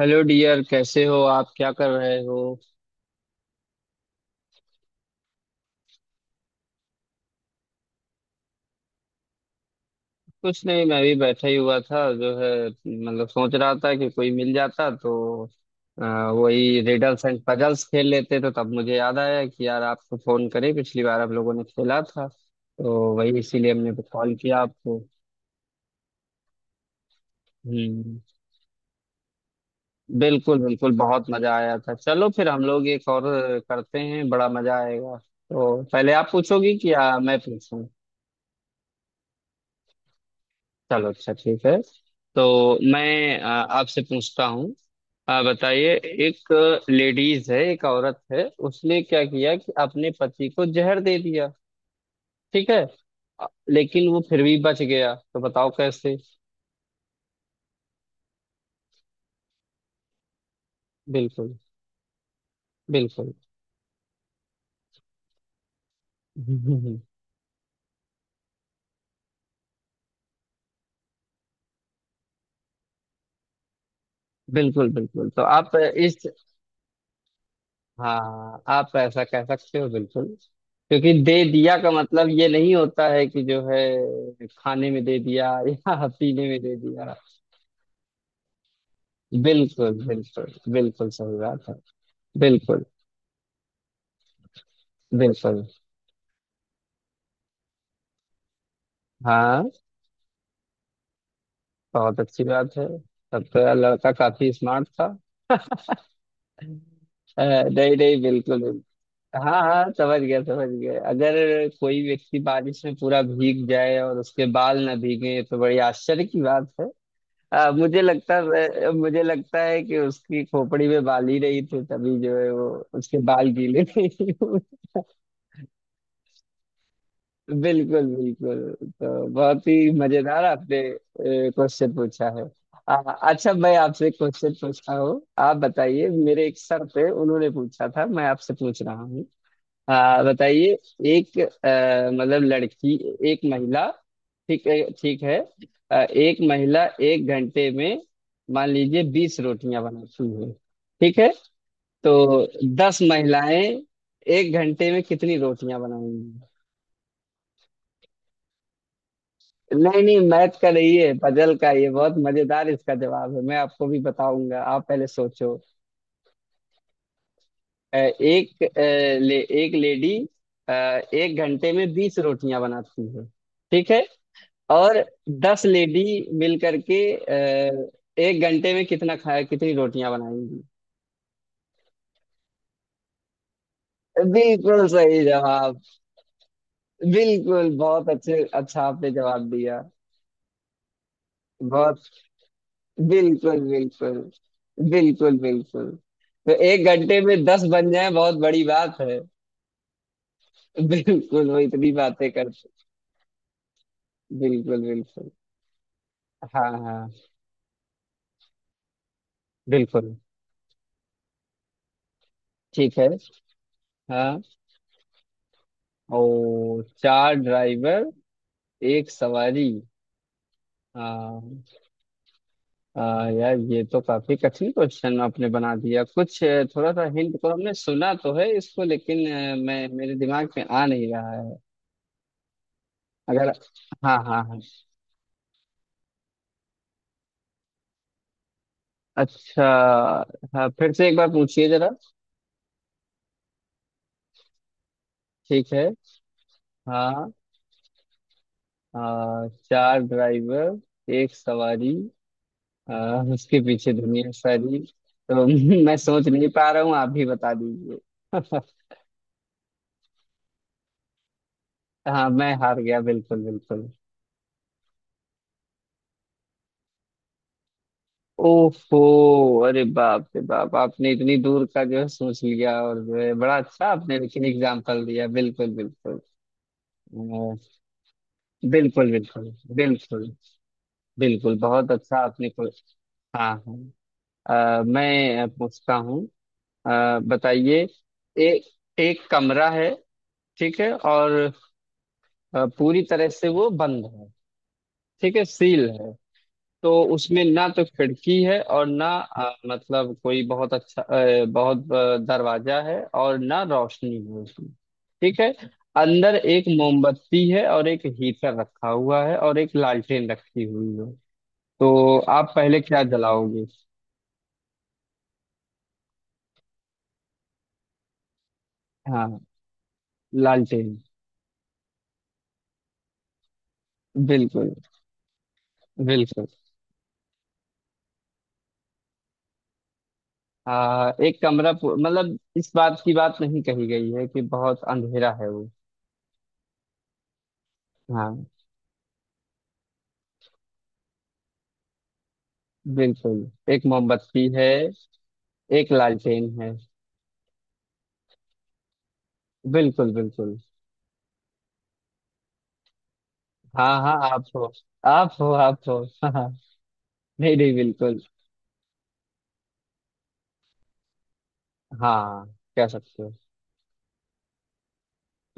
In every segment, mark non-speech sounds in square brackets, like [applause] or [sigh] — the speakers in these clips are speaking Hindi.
हेलो डियर, कैसे हो आप? क्या कर रहे हो? कुछ नहीं, मैं भी बैठा ही हुआ था, जो है मतलब सोच रहा था कि कोई मिल जाता तो वही रिडल्स एंड पजल्स खेल लेते। तो तब मुझे याद आया कि यार आपको फोन करे, पिछली बार आप लोगों ने खेला था तो वही इसीलिए हमने कॉल किया आपको। हम्म। बिल्कुल बिल्कुल, बहुत मजा आया था। चलो फिर हम लोग एक और करते हैं, बड़ा मजा आएगा। तो पहले आप पूछोगी कि या मैं पूछूं? चलो, अच्छा ठीक है। तो मैं आपसे पूछता हूँ। बताइए। एक लेडीज है, एक औरत है, उसने क्या किया कि अपने पति को जहर दे दिया, ठीक है। लेकिन वो फिर भी बच गया, तो बताओ कैसे? बिल्कुल बिल्कुल। [laughs] बिल्कुल बिल्कुल, तो आप इस। हाँ, आप ऐसा कह सकते हो, बिल्कुल। क्योंकि दे दिया का मतलब ये नहीं होता है कि जो है खाने में दे दिया या [laughs] पीने में दे दिया। बिल्कुल बिल्कुल। बिल्कुल सही बात है। बिल्कुल बिल्कुल। हाँ, बहुत अच्छी बात है। तब तो यार लड़का काफी स्मार्ट था। नहीं नहीं, बिल्कुल बिल्कुल। हाँ हाँ, समझ गया समझ गया। अगर कोई व्यक्ति बारिश में पूरा भीग जाए और उसके बाल ना भीगे तो बड़ी आश्चर्य की बात है। मुझे लगता है कि उसकी खोपड़ी में बाल ही नहीं थे, तभी जो है वो उसके बाल गीले थे। [laughs] बिल्कुल बिल्कुल, तो बहुत ही मजेदार आपने क्वेश्चन पूछा है। अच्छा, मैं आपसे क्वेश्चन पूछता हूँ, आप बताइए। मेरे एक सर थे, उन्होंने पूछा था, मैं आपसे पूछ रहा हूँ। बताइए। एक मतलब लड़की, एक महिला, ठीक है ठीक है। एक महिला एक घंटे में मान लीजिए 20 रोटियां बनाती है, ठीक है। तो 10 महिलाएं एक घंटे में कितनी रोटियां बनाएंगी? नहीं नहीं, मैथ का नहीं है, पजल का ये। बहुत मजेदार इसका जवाब है, मैं आपको भी बताऊंगा, आप पहले सोचो। अ, एक अ, एक लेडी अ, एक घंटे में 20 रोटियां बनाती है, ठीक है। और 10 लेडी मिलकर के एक घंटे में कितना खाया कितनी रोटियां बनाएंगी? बिल्कुल सही जवाब। बिल्कुल, बहुत अच्छे, अच्छा आपने जवाब दिया। बहुत। बिल्कुल बिल्कुल। बिल्कुल बिल्कुल। तो एक घंटे में 10 बन जाए बहुत बड़ी बात है। बिल्कुल, वो इतनी बातें करते। बिल्कुल बिल्कुल। हाँ हाँ, बिल्कुल। ठीक है, हाँ। ओ, चार ड्राइवर एक सवारी, हाँ। हाँ, यार ये तो काफी कठिन क्वेश्चन आपने बना दिया, कुछ थोड़ा सा हिंट तो हमने सुना तो है इसको, लेकिन मैं मेरे दिमाग में आ नहीं रहा है। अगर। हाँ हाँ हाँ। अच्छा। हाँ, फिर से एक बार पूछिए जरा। ठीक है। हाँ। चार ड्राइवर एक सवारी, उसके पीछे दुनिया सारी। तो [laughs] मैं सोच नहीं पा रहा हूँ, आप भी बता दीजिए। [laughs] हाँ, मैं हार गया, बिल्कुल बिल्कुल। ओफो। अरे बाप रे बाप, आपने इतनी दूर का जो है सोच लिया, और जो है बड़ा अच्छा आपने लेकिन एग्जाम्पल दिया, बिल्कुल बिल्कुल। अ, बिल्कुल बिल्कुल। बिल्कुल बिल्कुल। बहुत अच्छा आपने को। हाँ हाँ। मैं पूछता हूँ। अ, बताइए। एक एक कमरा है, ठीक है। और पूरी तरह से वो बंद है, ठीक है, सील है। तो उसमें ना तो खिड़की है, और ना मतलब कोई बहुत अच्छा अ, बहुत अ, दरवाजा है, और ना रोशनी है उसमें। ठीक है। अंदर एक मोमबत्ती है, और एक हीटर रखा हुआ है, और एक लालटेन रखी हुई है। तो आप पहले क्या जलाओगे? हाँ, लालटेन। बिल्कुल बिल्कुल। हाँ, मतलब इस बात की बात नहीं कही गई है कि बहुत अंधेरा है वो। हाँ। बिल्कुल। एक मोमबत्ती है। एक लालटेन है। बिल्कुल बिल्कुल। हाँ हाँ, आप हो आप हो आप हो, [laughs] हाँ। नहीं नहीं, बिल्कुल। हाँ। कह सकते हो।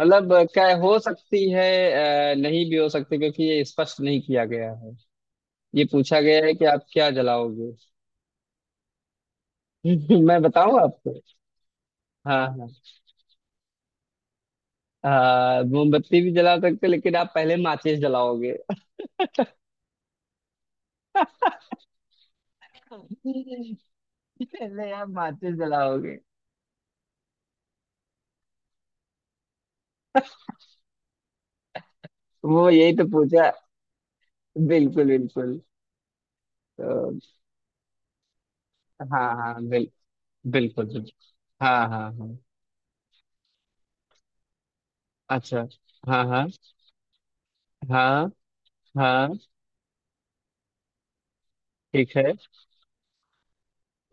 मतलब क्या हो सकती है, नहीं भी हो सकती, क्योंकि ये स्पष्ट नहीं किया गया है। ये पूछा गया है कि आप क्या जलाओगे। [laughs] मैं बताऊं आपको? हाँ हाँ। हाँ, मोमबत्ती भी जला सकते हो, लेकिन आप पहले माचिस जलाओगे। पहले आप माचिस जलाओगे। वो यही तो पूछा। बिल्कुल बिल्कुल। तो। हाँ हाँ, बिल्कुल बिल्कुल। हाँ हाँ हाँ। अच्छा। हाँ हाँ हाँ हाँ। ठीक है।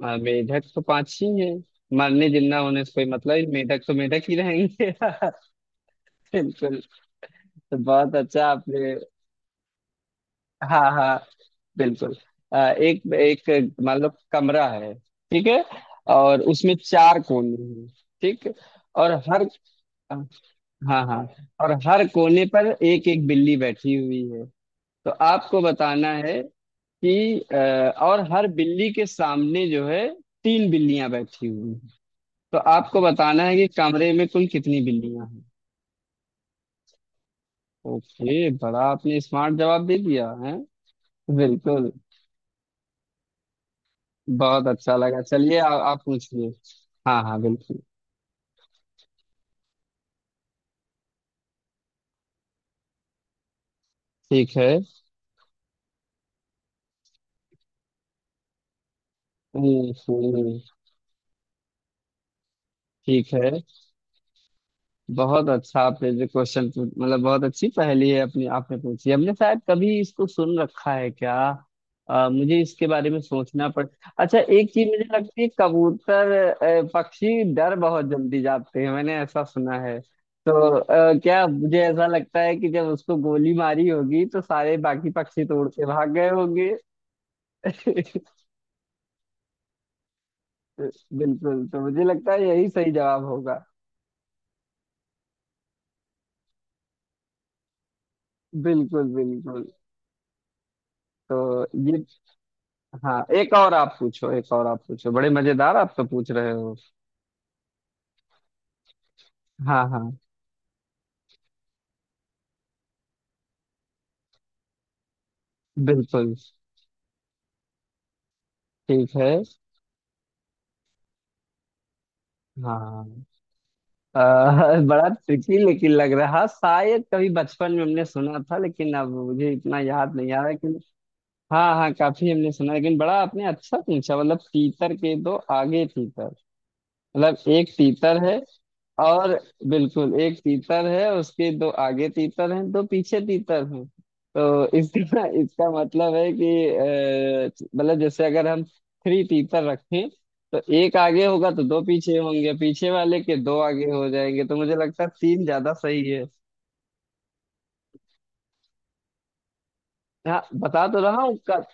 मेढक तो पांच ही है। मरने जिंदा होने से कोई मतलब ही नहीं, मेढक तो मेढक ही रहेंगे। [laughs] बिल्कुल। तो बहुत अच्छा आपने। हाँ हाँ। बिल्कुल। एक एक मान लो कमरा है। ठीक है। और उसमें चार कोने हैं। ठीक। और हर हाँ हाँ। और हर कोने पर एक एक बिल्ली बैठी हुई है। तो आपको बताना है कि और हर बिल्ली के सामने जो है तीन बिल्लियां बैठी हुई हैं। तो आपको बताना है कि कमरे में कुल कितनी बिल्लियां हैं? ओके, बड़ा आपने स्मार्ट जवाब दे दिया है। बिल्कुल। बहुत अच्छा लगा। चलिए, आप पूछिए। हाँ हाँ, बिल्कुल। ठीक है। हम्म। ठीक है। बहुत अच्छा आपने जो क्वेश्चन, मतलब बहुत अच्छी पहेली है अपनी आपने पूछी। हमने शायद कभी इसको सुन रखा है क्या? मुझे इसके बारे में सोचना पड़। अच्छा, एक चीज मुझे लगती है, पक्षी डर बहुत जल्दी जाते हैं, मैंने ऐसा सुना है। तो। अ, क्या मुझे ऐसा लगता है कि जब उसको गोली मारी होगी तो सारे बाकी पक्षी तो उड़ के भाग गए होंगे। [laughs] बिल्कुल, तो मुझे लगता है यही सही जवाब होगा। बिल्कुल बिल्कुल। तो ये। हाँ, एक और आप पूछो, एक और आप पूछो, बड़े मजेदार आप तो पूछ रहे हो। हाँ हाँ, बिल्कुल। ठीक है। हाँ। अ, [laughs] बड़ा ट्रिकी लेकिन लग रहा है। हाँ, शायद कभी बचपन में हमने सुना था लेकिन अब मुझे इतना याद नहीं आ रहा, लेकिन। हाँ हाँ, काफी हमने सुना लेकिन बड़ा आपने अच्छा पूछा। मतलब तीतर के दो आगे तीतर। मतलब एक तीतर है, और। बिल्कुल, एक तीतर है उसके दो आगे तीतर हैं, दो पीछे तीतर हैं। तो इसका इसका मतलब है कि। मतलब जैसे अगर हम थ्री तीतर रखें। तो एक आगे होगा तो दो पीछे होंगे, पीछे वाले के दो आगे हो जाएंगे, तो मुझे लगता है तीन ज्यादा सही है। हाँ, बता तो रहा हूँ कब।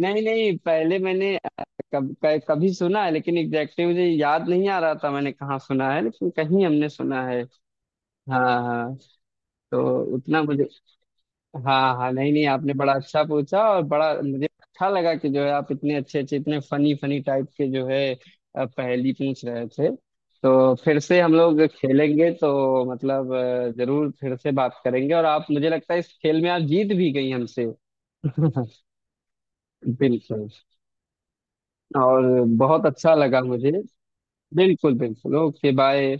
नहीं नहीं, पहले मैंने कभी सुना है लेकिन एग्जैक्टली मुझे याद नहीं आ रहा था मैंने कहाँ सुना है, लेकिन कहीं हमने सुना है। हाँ हाँ। तो। उतना मुझे। हाँ हाँ, नहीं नहीं, आपने बड़ा अच्छा पूछा और बड़ा मुझे अच्छा लगा कि जो है आप इतने अच्छे अच्छे, इतने फनी फनी टाइप के जो है। पहेली पूछ रहे थे। तो फिर से हम लोग खेलेंगे, तो मतलब जरूर फिर से बात करेंगे, और आप, मुझे लगता है, इस खेल में आप जीत भी गई हमसे। [laughs] बिल्कुल। और बहुत अच्छा लगा मुझे। बिल्कुल बिल्कुल। Okay bye.